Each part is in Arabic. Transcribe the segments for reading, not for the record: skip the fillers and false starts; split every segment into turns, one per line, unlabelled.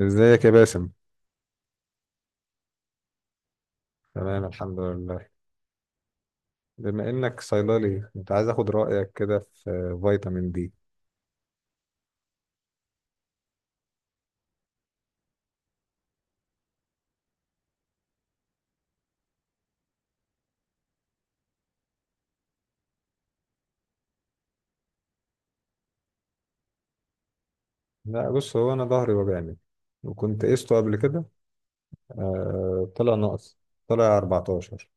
ازيك يا باسم. تمام الحمد لله. بما انك صيدلي كنت عايز اخد رايك كده في فيتامين دي. لا بص، هو انا ظهري وجعني وكنت قسته قبل كده، آه طلع ناقص. طلع 14.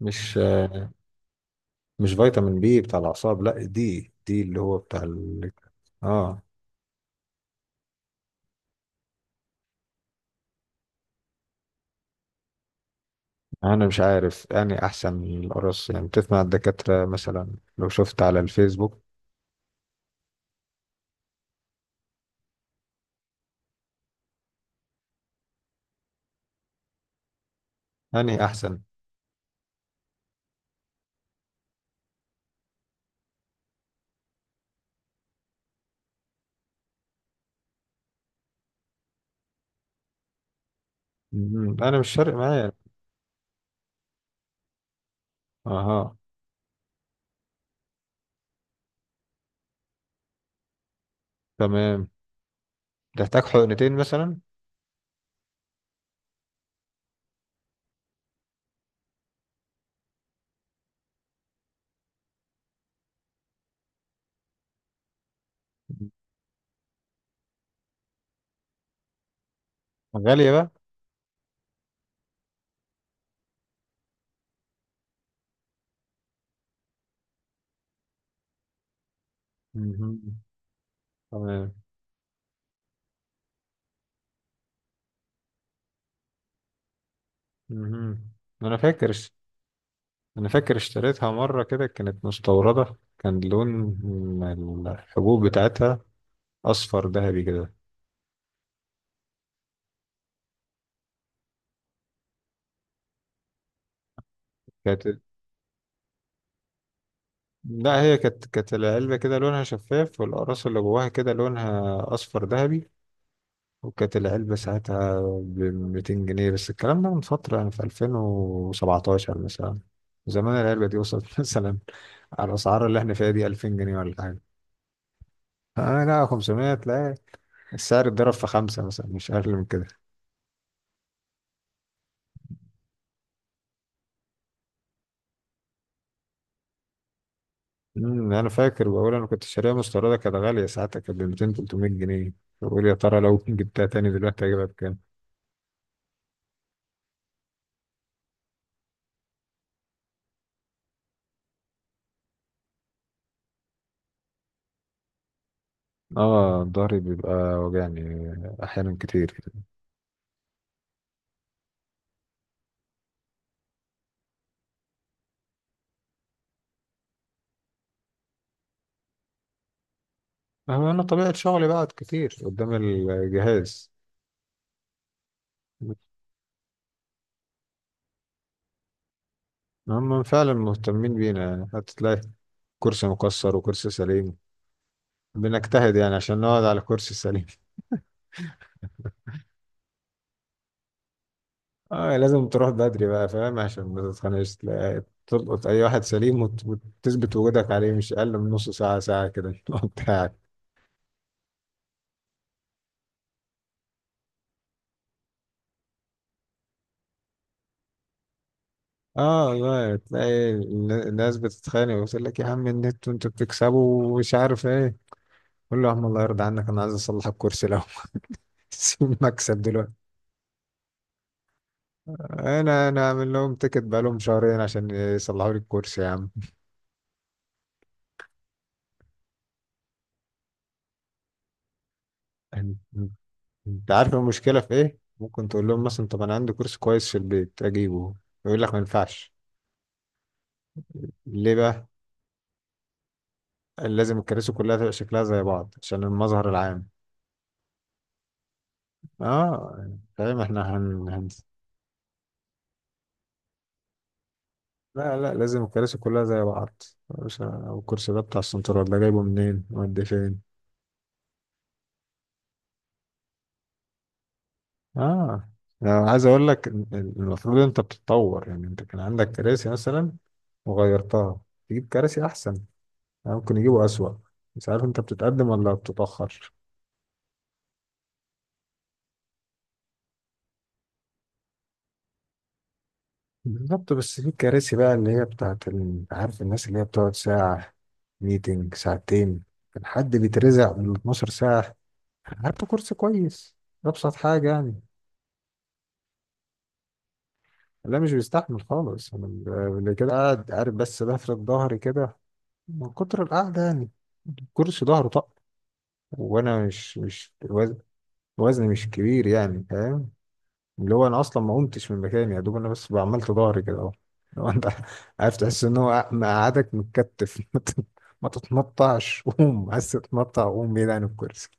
مش آه مش فيتامين بي بتاع الاعصاب، لا دي اللي هو بتاع اه. انا مش عارف، يعني احسن القرص، يعني بتسمع الدكاتره مثلا لو شفت على الفيسبوك. يعني احسن. انا مش فارق معايا. اها، تمام. تحتاج حقنتين مثلا؟ غالية بقى. مهم. تمام. مهم. أنا فاكر. أنا فاكر اشتريتها مرة كده، كانت مستوردة. كان لون الحبوب بتاعتها أصفر ذهبي كده. كانت. لا هي كانت العلبة كده لونها شفاف والأقراص اللي جواها كده لونها أصفر ذهبي. وكانت العلبة ساعتها ب 200 جنيه، بس الكلام ده من فترة يعني، في 2017 مثلا. زمان العلبة دي وصلت مثلا على الأسعار اللي احنا فيها دي 2000 جنيه ولا حاجة. اه لا، 500 تلاقي. السعر اتضرب في خمسة مثلا، مش أقل من كده. أنا فاكر. بقول أنا كنت شاريها مستوردة، كانت غالية ساعتها، كانت ب 200 300 جنيه. بقول يا ترى لو جبتها تاني دلوقتي هجيبها بكام؟ اه، ضهري بيبقى وجعني أحيانا كتير. أما أنا طبيعة شغلي بقعد كتير قدام الجهاز. هم فعلا مهتمين بينا، هتلاقي كرسي مكسر وكرسي سليم. بنجتهد يعني عشان نقعد على كرسي سليم. اه لازم تروح بدري بقى، فاهم، عشان ما تتخنقش. تلقط اي واحد سليم وتثبت وجودك عليه مش اقل من نص ساعه ساعه كده بتاعك. اه والله، تلاقي الناس بتتخانق وتقول لك يا عم النت وانتوا بتكسبوا ومش عارف ايه. قول له يا عم الله يرضى عنك، انا عايز اصلح الكرسي لو سيب مكسب دلوقتي. انا عامل لهم تيكت بقالهم شهرين عشان يصلحوا لي الكرسي يا عم. أن- انت عارف المشكله في ايه؟ ممكن تقول لهم مثلا، طب انا عندي كرسي كويس في البيت اجيبه. يقول لك ما ينفعش. ليه بقى؟ لازم الكراسي كلها تبقى شكلها زي بعض عشان المظهر العام. اه يعني فاهم، احنا لا لا، لازم الكراسي كلها زي بعض. مش ه- والكرسي ده بتاع السنترال ده جايبه منين ودي فين؟ اه. انا عايز اقول لك إن المفروض انت بتتطور، يعني انت كان عندك كراسي مثلا وغيرتها تجيب كراسي احسن. يعني ممكن يجيبوا اسوأ. مش عارف انت بتتقدم ولا بتتأخر. بالظبط. بس في كراسي بقى اللي هي عارف، الناس اللي هي بتقعد ساعة ميتنج ساعتين، كان حد بيترزع من 12 ساعة. هات له كرسي كويس. أبسط حاجة يعني. لا مش بيستحمل خالص. اللي كده قاعد عارف، بس لفرد ظهري كده من كتر القعدة يعني الكرسي ظهره طق. وأنا مش مش وز- وزني مش كبير يعني، فاهم؟ اللي هو انا اصلا ما قمتش من مكاني، يا دوب انا بس عملت ظهري كده اهو. لو انت عارف تحس ان هو قعدك متكتف ما تتنطعش. قوم. عايز تتنطع قوم بعيد عن الكرسي.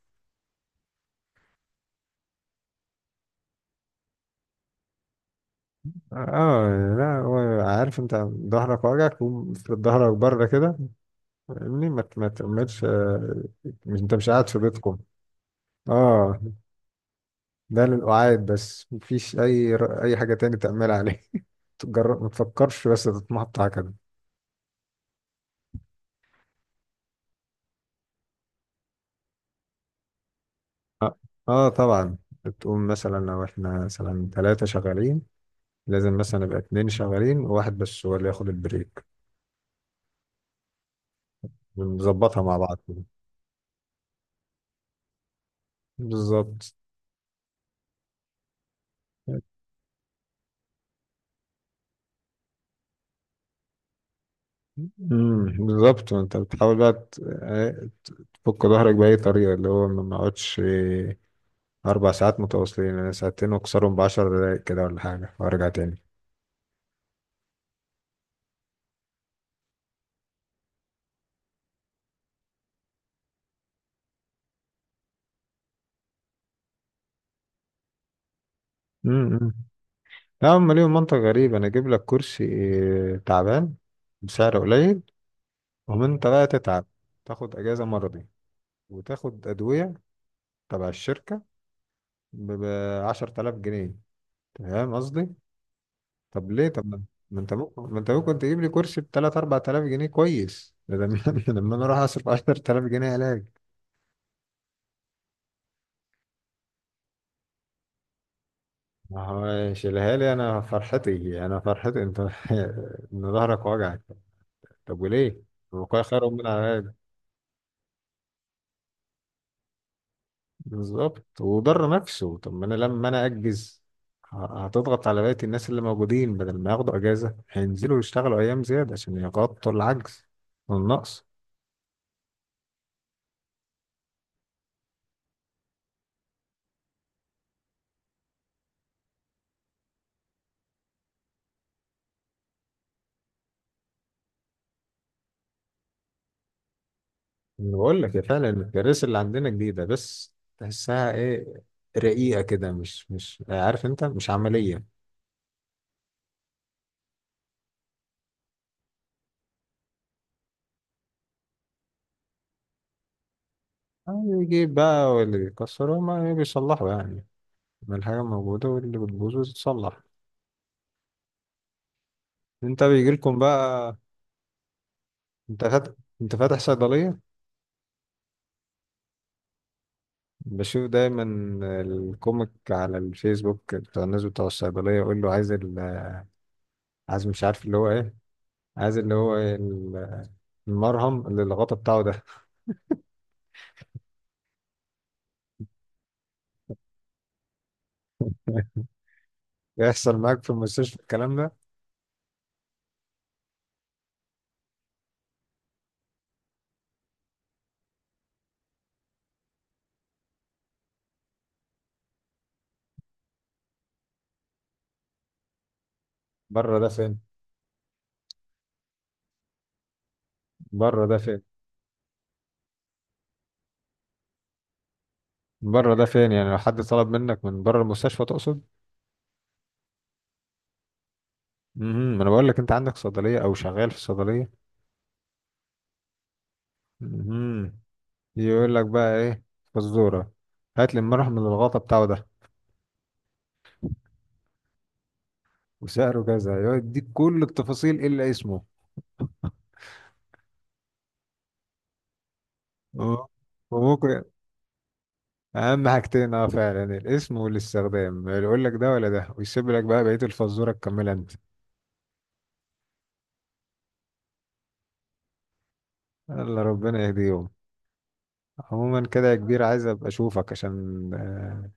اه. لا هو عارف انت ظهرك واجعك، قوم افرد ظهرك بره كده، فاهمني؟ ما تعملش مش انت مش قاعد في بيتكم. اه ده للقعاد بس، مفيش اي اي حاجه تاني تعملها عليه تجرب ما تفكرش بس تتنطع كده. اه. آه طبعا. بتقوم مثلا لو احنا مثلا ثلاثة شغالين، لازم مثلا يبقى اتنين شغالين وواحد بس هو اللي ياخد البريك. ونظبطها مع بعض كده. بالظبط. بالظبط. وانت بتحاول بقى تفك ظهرك بأي طريقة، اللي هو ما نقعدش أربع ساعات متواصلين. أنا ساعتين وأكسرهم بعشر دقايق كده ولا حاجة وأرجع تاني. امم. لا هم ليهم منطق غريب. أنا أجيب لك كرسي تعبان بسعر قليل، ومن أنت بقى تتعب تاخد أجازة مرضي وتاخد أدوية تبع الشركة ب 10000 جنيه. تمام قصدي. طب ليه؟ طب ما انت ممكن تجيب لي كرسي ب 3 4000 جنيه كويس ده، لما لما انا اروح اصرف 10000 جنيه علاج؟ ما هو شيلها لي. انا فرحتي انت ان ظهرك وجعك؟ طب وليه؟ وقاية خير من علاج. بالظبط. وضر نفسه. طب ما انا لما انا اجز، هتضغط على بقية الناس اللي موجودين، بدل ما ياخدوا اجازة هينزلوا يشتغلوا ايام زيادة عشان يغطوا العجز والنقص. انا بقول لك يا فعلا، المدارس اللي عندنا جديدة بس تحسها ايه، رقيقة كده، مش عارف انت، مش عملية. يجي بقى واللي بيكسروا ما بيصلحوا يعني، ما الحاجة موجودة واللي بتبوظ بتتصلح. انت بيجيلكم بقى؟ انت فاتح انت فاتح صيدلية؟ بشوف دايما الكوميك على الفيسبوك بتاع الناس بتوع الصيدلية، يقول له عايز عايز مش عارف اللي هو ايه، عايز اللي هو إيه المرهم اللي الغطا بتاعه ده. يحصل معاك في المستشفى الكلام ده؟ بره ده فين؟ بره ده فين؟ بره ده فين يعني؟ لو حد طلب منك من بره المستشفى تقصد؟ امم. ما انا بقول لك انت عندك صيدلية او شغال في صيدلية. امم. يقول لك بقى ايه، فزورة. هات لي المرهم اللي الغطا بتاعه ده وسعره كذا. يقعد يديك كل التفاصيل الا اسمه. هو- وممكن اهم حاجتين اه فعلا الاسم والاستخدام. يقول لك ده ولا ده ويسيب لك بقى بقية الفزورة تكملها انت. يلا ربنا يهديهم. عموما كده يا كبير، عايز ابقى اشوفك عشان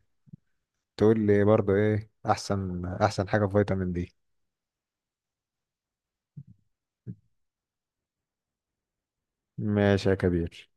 تقول لي برضو ايه احسن احسن حاجة في فيتامين دي. ماشي يا كبير.